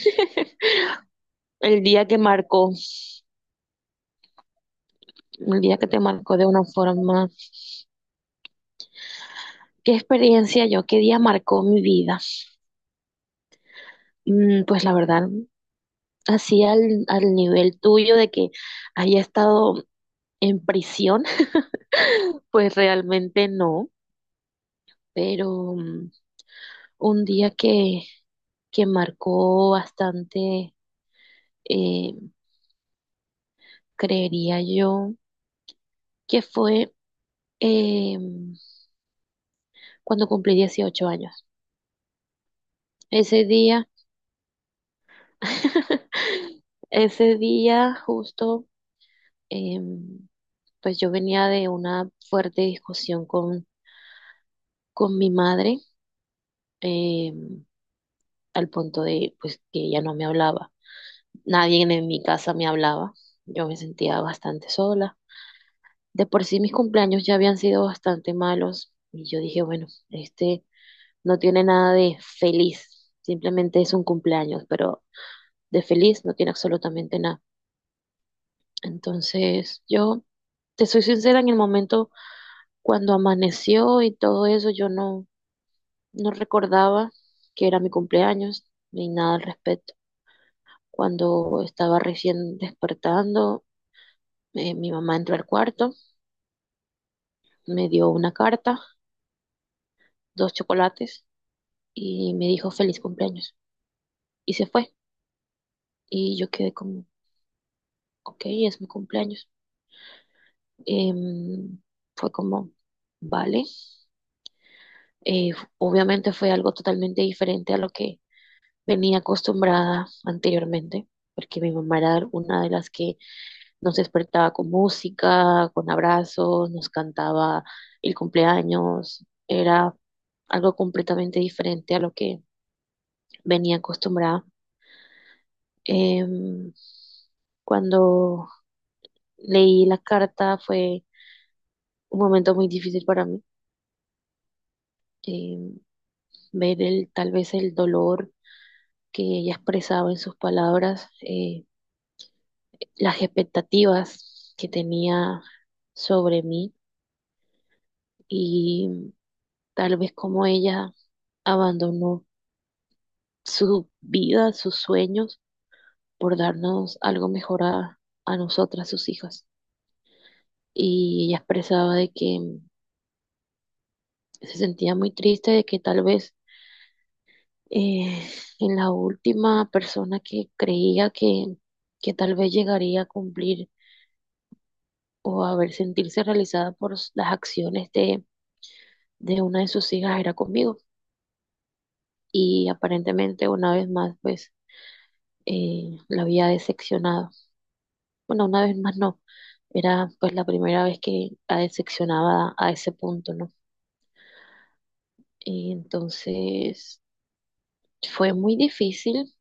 El día que marcó, el día que te marcó de una forma, qué experiencia yo, qué día marcó mi vida. Pues la verdad, así al nivel tuyo de que haya estado en prisión, pues realmente no, pero un día que marcó bastante, eh, creería yo, que fue eh, cuando cumplí 18 años. Ese día... Ese día justo, Em, pues yo venía de una fuerte discusión con mi madre, em, al punto de pues que ella no me hablaba. Nadie en mi casa me hablaba. Yo me sentía bastante sola. De por sí mis cumpleaños ya habían sido bastante malos y yo dije, bueno, este no tiene nada de feliz, simplemente es un cumpleaños, pero de feliz no tiene absolutamente nada. Entonces, yo te soy sincera, en el momento cuando amaneció y todo eso, yo no recordaba que era mi cumpleaños ni nada al respecto. Cuando estaba recién despertando, mi mamá entró al cuarto, me dio una carta, dos chocolates y me dijo feliz cumpleaños. Y se fue. Y yo quedé como, ok, es mi cumpleaños. Em, fue como, vale. Eh, obviamente fue algo totalmente diferente a lo que venía acostumbrada anteriormente, porque mi mamá era una de las que nos despertaba con música, con abrazos, nos cantaba el cumpleaños, era algo completamente diferente a lo que venía acostumbrada. Em, cuando leí la carta fue un momento muy difícil para mí, em, ver el, tal vez el dolor que ella expresaba en sus palabras, las expectativas que tenía sobre mí y tal vez como ella abandonó su vida, sus sueños, por darnos algo mejor a nosotras, sus hijas. Y ella expresaba de que se sentía muy triste, de que tal vez eh, en la última persona que creía que tal vez llegaría a cumplir o a ver sentirse realizada por las acciones de una de sus hijas era conmigo. Y aparentemente una vez más, pues, la había decepcionado. Bueno, una vez más no. Era pues la primera vez que la decepcionaba a ese punto, ¿no? Y entonces fue muy difícil.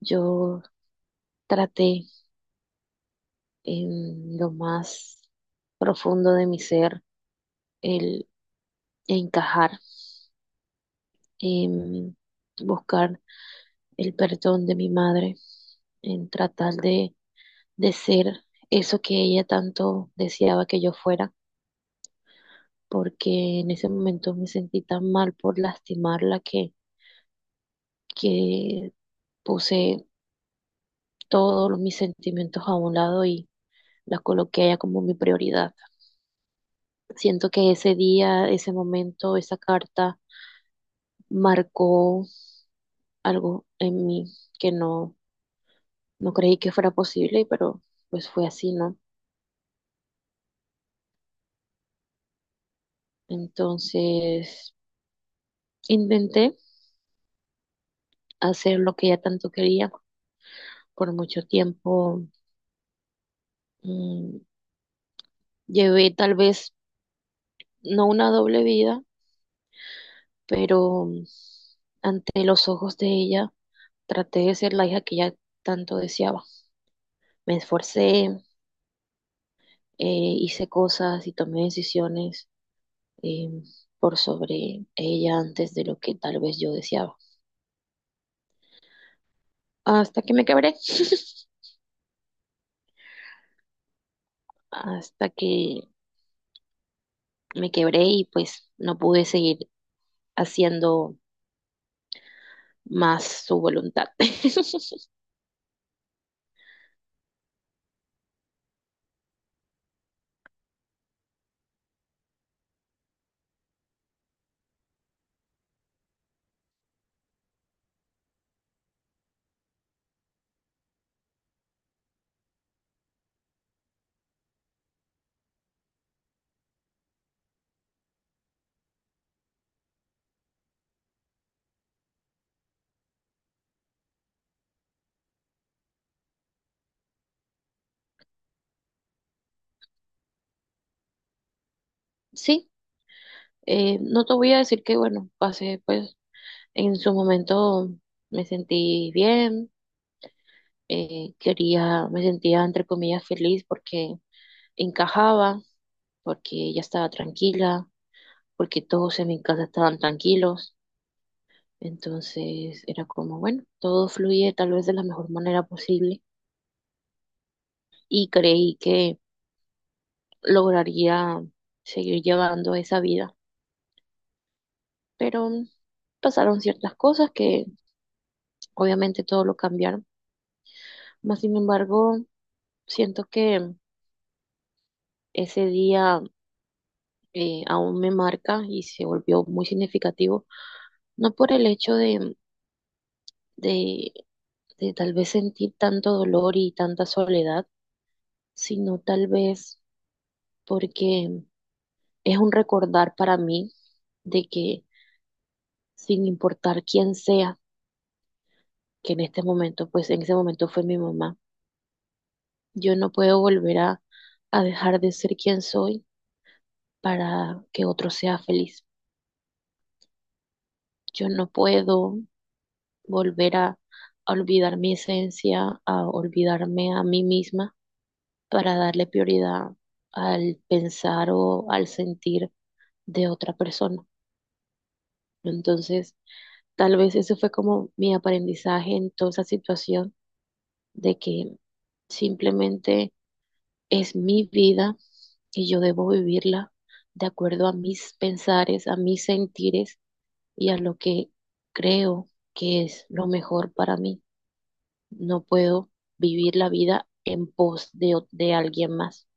Yo traté en lo más profundo de mi ser el encajar, en buscar el perdón de mi madre, en tratar de ser eso que ella tanto deseaba que yo fuera, porque en ese momento me sentí tan mal por lastimarla que que puse todos mis sentimientos a un lado y las coloqué a ella como mi prioridad. Siento que ese día, ese momento, esa carta marcó algo en mí que no creí que fuera posible, pero pues fue así, ¿no? Entonces intenté hacer lo que ella tanto quería por mucho tiempo. mm, llevé tal vez no una doble vida, pero ante los ojos de ella traté de ser la hija que ella tanto deseaba. Me esforcé, hice cosas y tomé decisiones, eh, por sobre ella antes de lo que tal vez yo deseaba. Hasta que me quebré, hasta que me quebré y pues no pude seguir haciendo más su voluntad. Sí, no te voy a decir que bueno, pasé pues en su momento me sentí bien, quería, me sentía entre comillas feliz porque encajaba, porque ella estaba tranquila, porque todos en mi casa estaban tranquilos. Entonces era como, bueno, todo fluye tal vez de la mejor manera posible y creí que lograría seguir llevando esa vida. Pero pasaron ciertas cosas que obviamente todo lo cambiaron. Más sin embargo, siento que ese día aún me marca y se volvió muy significativo, no por el hecho de, de tal vez sentir tanto dolor y tanta soledad, sino tal vez porque es un recordar para mí de que sin importar quién sea, que en este momento, pues en ese momento fue mi mamá, yo no puedo volver a dejar de ser quien soy para que otro sea feliz. Yo no puedo volver a olvidar mi esencia, a olvidarme a mí misma para darle prioridad al pensar o al sentir de otra persona. Entonces, tal vez eso fue como mi aprendizaje en toda esa situación de que simplemente es mi vida y yo debo vivirla de acuerdo a mis pensares, a mis sentires y a lo que creo que es lo mejor para mí. No puedo vivir la vida en pos de, o- de alguien más.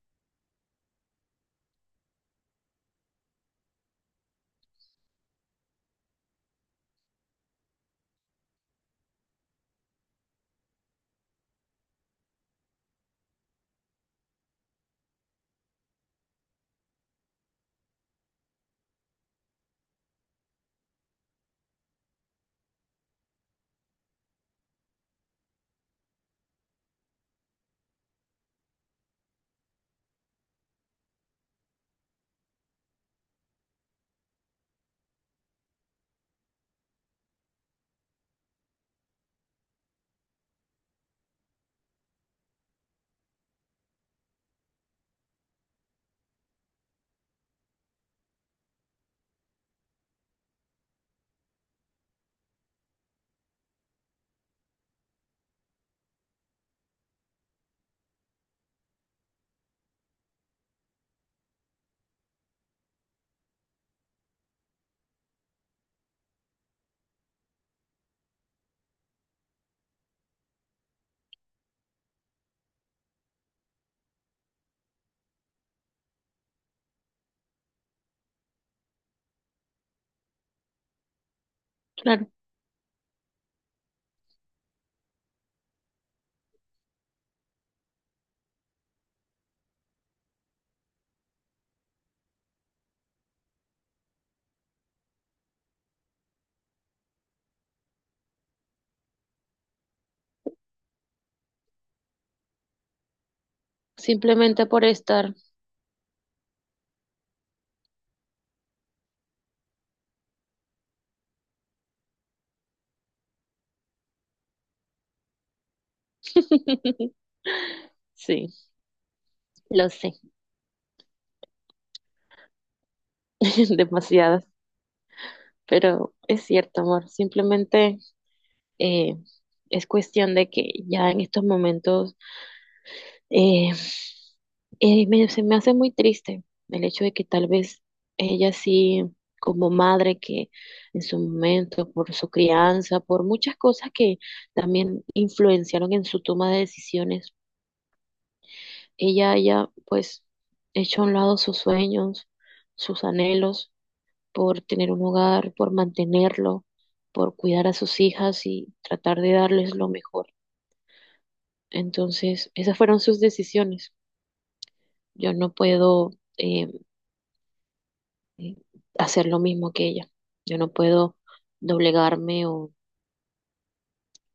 Claro, simplemente por estar. Sí, lo sé. Demasiadas, pero es cierto, amor, simplemente eh, es cuestión de que ya en estos momentos eh, me- se me hace muy triste el hecho de que tal vez ella sí, como madre que en su momento, por su crianza, por muchas cosas que también influenciaron en su toma de decisiones, ella haya pues hecho a un lado sus sueños, sus anhelos por tener un hogar, por mantenerlo, por cuidar a sus hijas y tratar de darles lo mejor. Entonces, esas fueron sus decisiones. Yo no puedo eh, eh, hacer lo mismo que ella. Yo no puedo doblegarme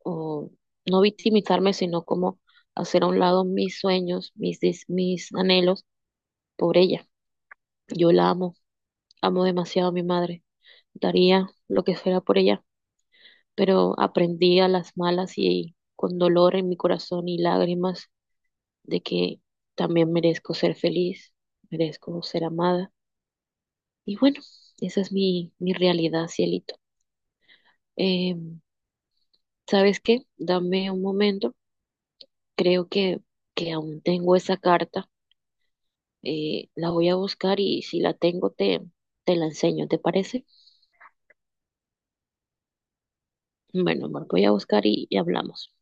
o no victimizarme, sino como hacer a un lado mis sueños, des- mis anhelos por ella. Yo la amo, amo demasiado a mi madre. Daría lo que fuera por ella. Pero aprendí a las malas y con dolor en mi corazón y lágrimas de que también merezco ser feliz, merezco ser amada. Y bueno, esa es mi realidad, cielito. Eh, ¿Sabes qué? Dame un momento. Creo que aún tengo esa carta. La voy a buscar y si la tengo te la enseño, ¿te parece? Bueno, amor, voy a buscar y hablamos.